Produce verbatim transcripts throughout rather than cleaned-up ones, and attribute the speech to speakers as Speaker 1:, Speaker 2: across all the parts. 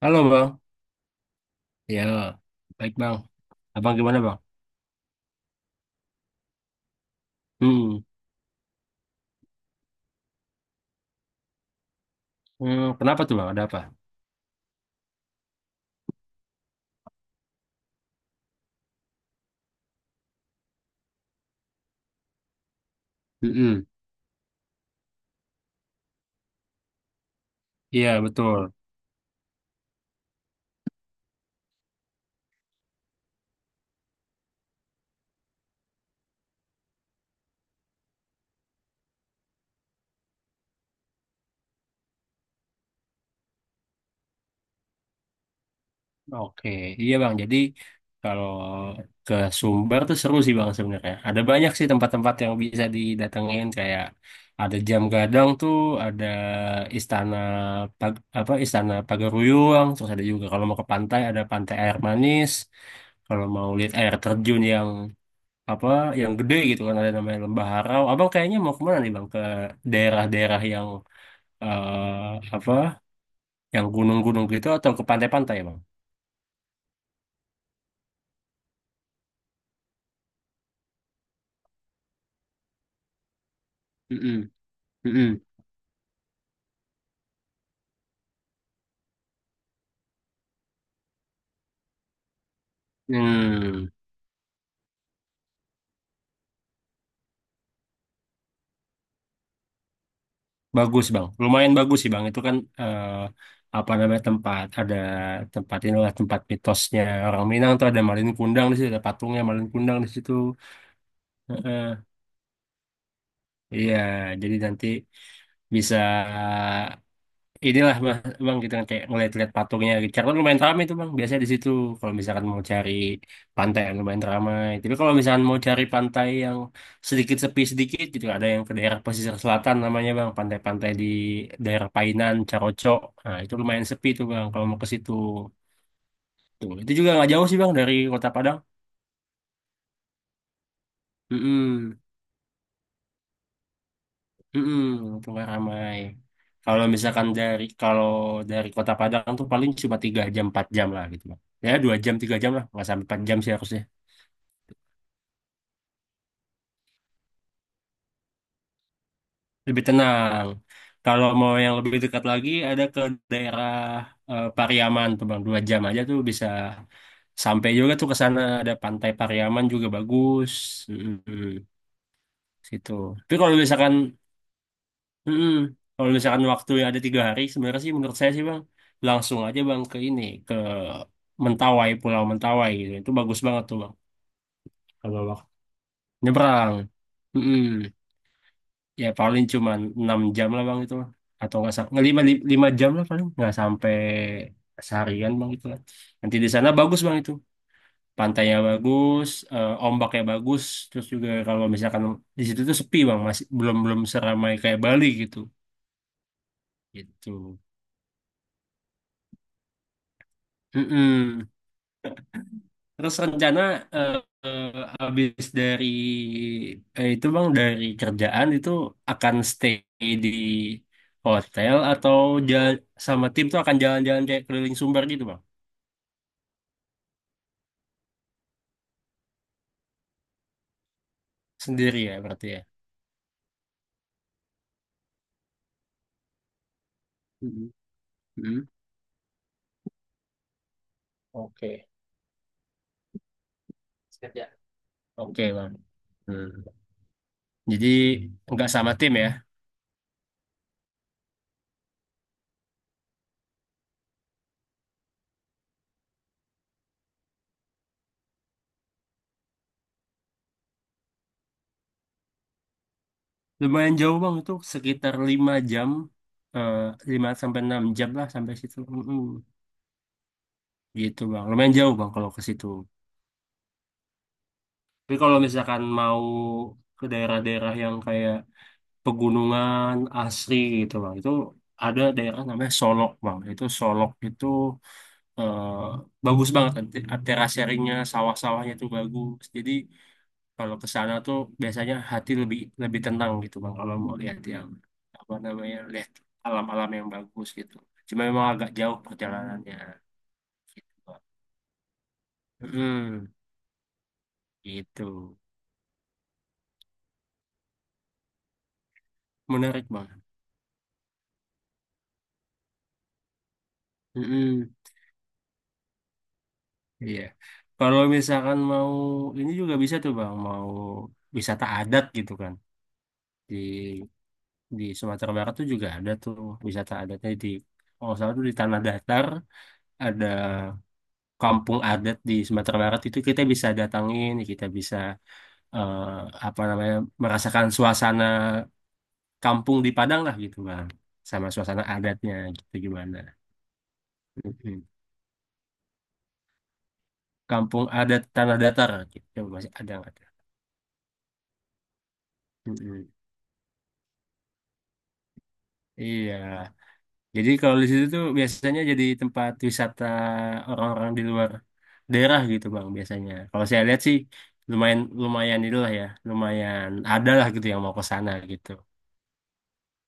Speaker 1: Halo bang, ya baik bang. Abang gimana bang? Hmm, hmm, kenapa tuh bang? Ada apa? Mm-mm. Iya betul. Oke, iya bang. Jadi kalau ke Sumber tuh seru sih bang sebenarnya. Ada banyak sih tempat-tempat yang bisa didatengin kayak ada Jam Gadang tuh, ada Istana Pag- apa Istana Pagaruyung, terus ada juga kalau mau ke pantai ada Pantai Air Manis. Kalau mau lihat air terjun yang apa yang gede gitu kan ada namanya Lembah Harau. Abang kayaknya mau kemana nih bang? Ke daerah-daerah yang eh, apa? Yang gunung-gunung gitu atau ke pantai-pantai bang? Mm-mm. Mm-mm. Hmm. Bagus bang, lumayan bagus sih bang. Itu kan eh, apa namanya tempat ada tempat inilah tempat mitosnya orang Minang tuh, ada Malin Kundang di situ, ada patungnya Malin Kundang di situ. Heeh. Iya, jadi nanti bisa inilah bang, bang kita kayak ngeliat-liat patungnya Richard, kan lumayan ramai itu bang biasanya di situ kalau misalkan mau cari pantai yang lumayan ramai. Tapi kalau misalkan mau cari pantai yang sedikit sepi sedikit gitu, ada yang ke daerah pesisir selatan namanya bang, pantai-pantai di daerah Painan Carocok. Nah, itu lumayan sepi tuh bang kalau mau ke situ, tuh itu juga nggak jauh sih bang dari kota Padang. Mm-mm. Mm-mm, keluar ramai. Kalau misalkan dari kalau dari Kota Padang tuh paling cuma tiga jam empat jam lah gitu lah. Ya dua jam tiga jam lah, nggak sampai empat jam sih harusnya. Lebih tenang. Kalau mau yang lebih dekat lagi, ada ke daerah eh, Pariaman tuh bang, dua jam aja tuh bisa sampai juga tuh ke sana, ada Pantai Pariaman juga bagus. Mm-mm, situ. Tapi kalau misalkan. Mm-mm. Kalau misalkan waktu ada tiga hari, sebenarnya sih menurut saya sih bang, langsung aja bang ke ini, ke Mentawai, Pulau Mentawai gitu. Itu bagus banget tuh bang, kalau waktu nyebrang. Mm-mm. Ya paling cuma enam jam lah bang itu bang. Atau nggak sampai, lima lima jam lah paling, nggak sampai seharian bang gitu lah. Nanti di sana bagus bang itu. Pantainya bagus, eh, ombaknya bagus, terus juga kalau misalkan di situ tuh sepi bang, masih belum belum seramai kayak Bali gitu. Gitu. Mm-mm. Terus rencana eh, eh, habis dari eh, itu Bang, dari kerjaan itu akan stay di hotel, atau jalan sama tim tuh akan jalan-jalan kayak keliling Sumbar gitu Bang. Sendiri ya berarti ya. Mhm. Mhm. Oke. Siap ya. Oke Bang. Hmm. Jadi nggak sama tim ya. Lumayan jauh Bang, itu sekitar lima jam eh lima sampai enam jam lah sampai situ. Mm-mm. Gitu Bang. Lumayan jauh Bang kalau ke situ. Tapi kalau misalkan mau ke daerah-daerah yang kayak pegunungan asri gitu bang, itu ada daerah namanya Solok bang. Itu Solok itu eh, bagus banget kan, Te- terasering-nya, sawah-sawahnya itu bagus. Jadi kalau ke sana tuh biasanya hati lebih lebih tenang gitu bang. Kalau mau lihat yang apa namanya, lihat alam-alam yang bagus gitu. Cuma memang agak jauh perjalanannya gitu bang. Mm, gitu. Menarik bang. Iya. Kalau misalkan mau ini juga bisa tuh Bang, mau wisata adat gitu kan. Di di Sumatera Barat tuh juga ada tuh wisata adatnya, di kalau nggak salah tuh di Tanah Datar ada kampung adat di Sumatera Barat, itu kita bisa datangin, kita bisa eh, apa namanya, merasakan suasana kampung di Padang lah gitu Bang. Sama suasana adatnya gitu gimana. Mm-mm. Kampung adat Tanah Datar gitu masih ada nggak tuh? Mm-mm. Iya. Jadi kalau di situ tuh biasanya jadi tempat wisata orang-orang di luar daerah gitu Bang biasanya. Kalau saya lihat sih lumayan lumayan itulah ya, lumayan ada lah gitu yang mau ke sana gitu.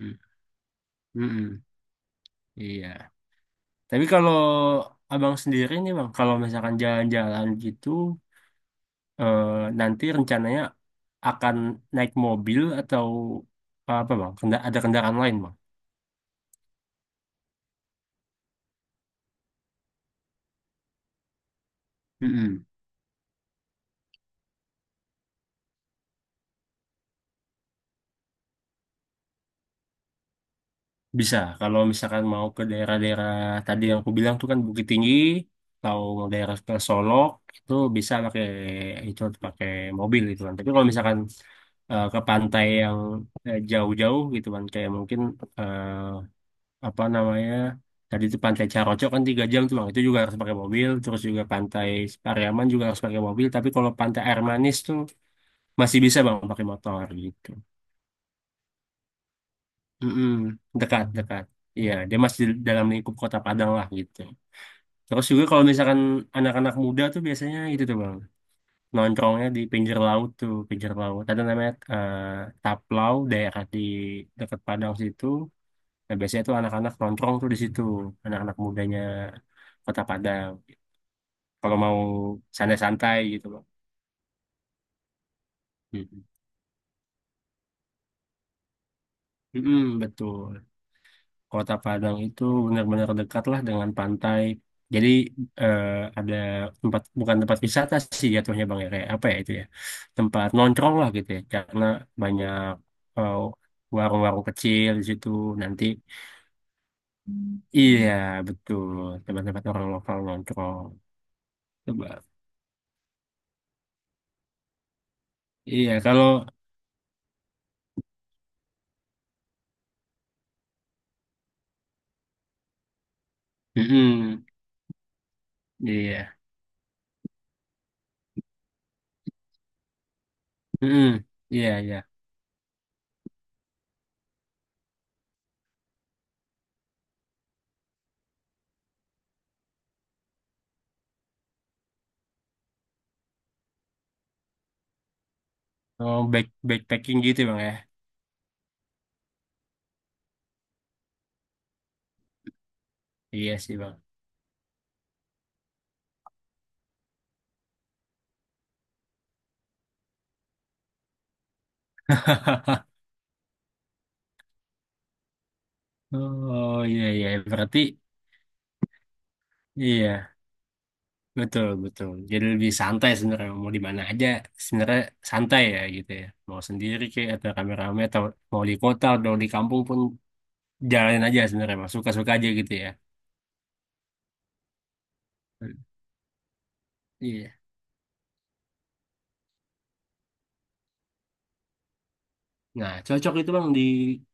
Speaker 1: Hmm. Mm-mm. Iya. Tapi kalau Abang sendiri nih Bang, kalau misalkan jalan-jalan gitu, eh, nanti rencananya akan naik mobil atau apa Bang? Kenda- ada kendaraan lain Bang? Mm-mm. Bisa, kalau misalkan mau ke daerah-daerah tadi yang aku bilang tuh kan Bukit Tinggi, atau daerah ke Solok, itu bisa pakai itu pakai mobil gitu kan. Tapi kalau misalkan eh, ke pantai yang eh, jauh-jauh gitu kan, kayak mungkin eh, apa namanya, tadi itu Pantai Caroco kan tiga jam tuh bang, itu juga harus pakai mobil. Terus juga Pantai Pariaman juga harus pakai mobil. Tapi kalau Pantai Air Manis tuh masih bisa bang pakai motor gitu. Mm-mm, dekat, dekat. Iya, dia masih di dalam lingkup Kota Padang lah gitu. Terus juga kalau misalkan anak-anak muda tuh biasanya itu tuh bang, nongkrongnya di pinggir laut tuh, pinggir laut. Ada namanya eh, Taplau, daerah di dekat Padang situ. Nah, biasanya tuh anak-anak nongkrong tuh di situ, anak-anak mudanya Kota Padang. Kalau mau santai-santai gitu bang. Mm-mm. Mm-mm, betul. Kota Padang itu benar-benar dekat lah dengan pantai. Jadi eh, ada tempat, bukan tempat wisata sih jatuhnya Bang ya, kayak apa ya itu ya, tempat nongkrong lah gitu ya, karena banyak eh, warung-warung kecil di situ nanti. Iya betul, tempat-tempat orang lokal nongkrong, coba. Iya kalau. Mm-mm. Iya. Mm-mm. Iya iya. Oh, back backpacking gitu Bang ya. Iya sih Bang. Oh iya iya berarti iya. Betul, betul. Jadi lebih santai sebenarnya, mau di mana aja sebenarnya santai ya gitu ya. Mau sendiri kayak atau rame-rame, atau mau di kota atau di kampung pun, jalanin aja sebenarnya Mas. Suka-suka aja gitu ya. Hmm. Iya. Nah, cocok itu Bang di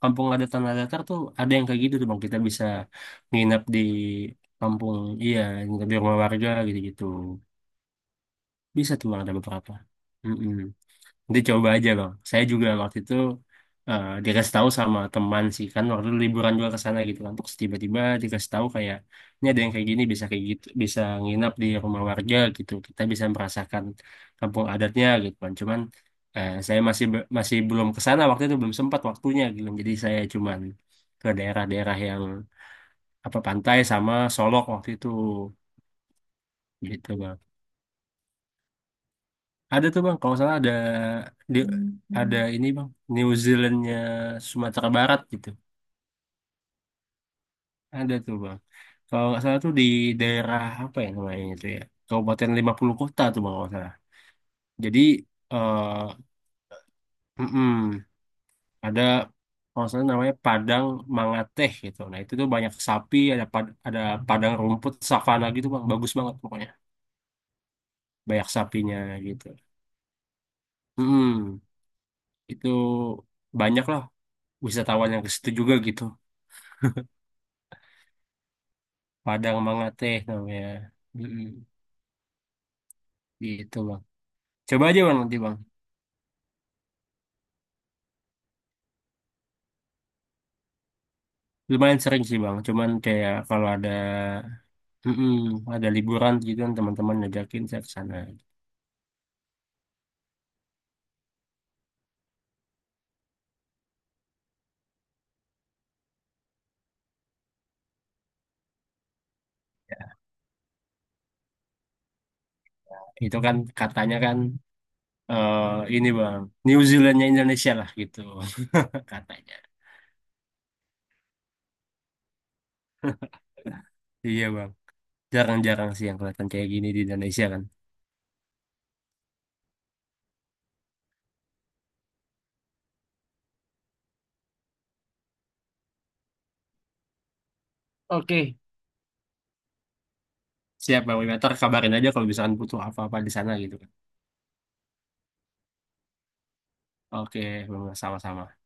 Speaker 1: kampung ada Tanah Datar tuh ada yang kayak gitu tuh Bang. Kita bisa nginep di kampung, iya, nginep di rumah warga gitu-gitu. Bisa tuh Bang ada beberapa. Mm-mm. Nanti coba aja bang. Saya juga waktu itu eh, dikasih tahu sama teman sih kan, waktu itu liburan juga ke sana gitu kan. Terus tiba-tiba dikasih tahu kayak ini ada yang kayak gini, bisa kayak gitu, bisa nginap di rumah warga gitu. Kita bisa merasakan kampung adatnya gitu kan. Cuman eh, saya masih be- masih belum ke sana waktu itu, belum sempat waktunya gitu kan. Jadi saya cuman ke daerah-daerah yang apa, pantai sama Solok waktu itu gitu. Ada tuh bang, kalau salah ada di, ada. Hmm. Ini bang, New Zealandnya Sumatera Barat gitu. Ada tuh bang. Kalau nggak salah tuh di daerah apa ya namanya itu ya, Kabupaten Lima Puluh Kota tuh bang kalau nggak salah. Jadi eh mm-mm, ada kalau nggak salah namanya Padang Mangateh gitu. Nah itu tuh banyak sapi, ada pad- ada padang rumput savana gitu bang, bagus banget pokoknya. Banyak sapinya gitu. Mm-mm, itu banyak lah wisatawan yang ke situ juga gitu. Padang Mangateh namanya. Mm-mm. Gitu bang. Coba aja bang nanti bang. Lumayan sering sih bang. Cuman kayak kalau ada, mm-mm, ada liburan gitu kan teman-teman ngajakin saya ke sana. Itu kan katanya kan eh ini bang. New Zealandnya Indonesia lah gitu katanya. Iya bang. Jarang-jarang sih yang kelihatan kayak gini di Indonesia kan. Oke. Siap bang. Ntar kabarin aja kalau misalkan butuh apa-apa di sana gitu kan. Oke bang. Sama-sama.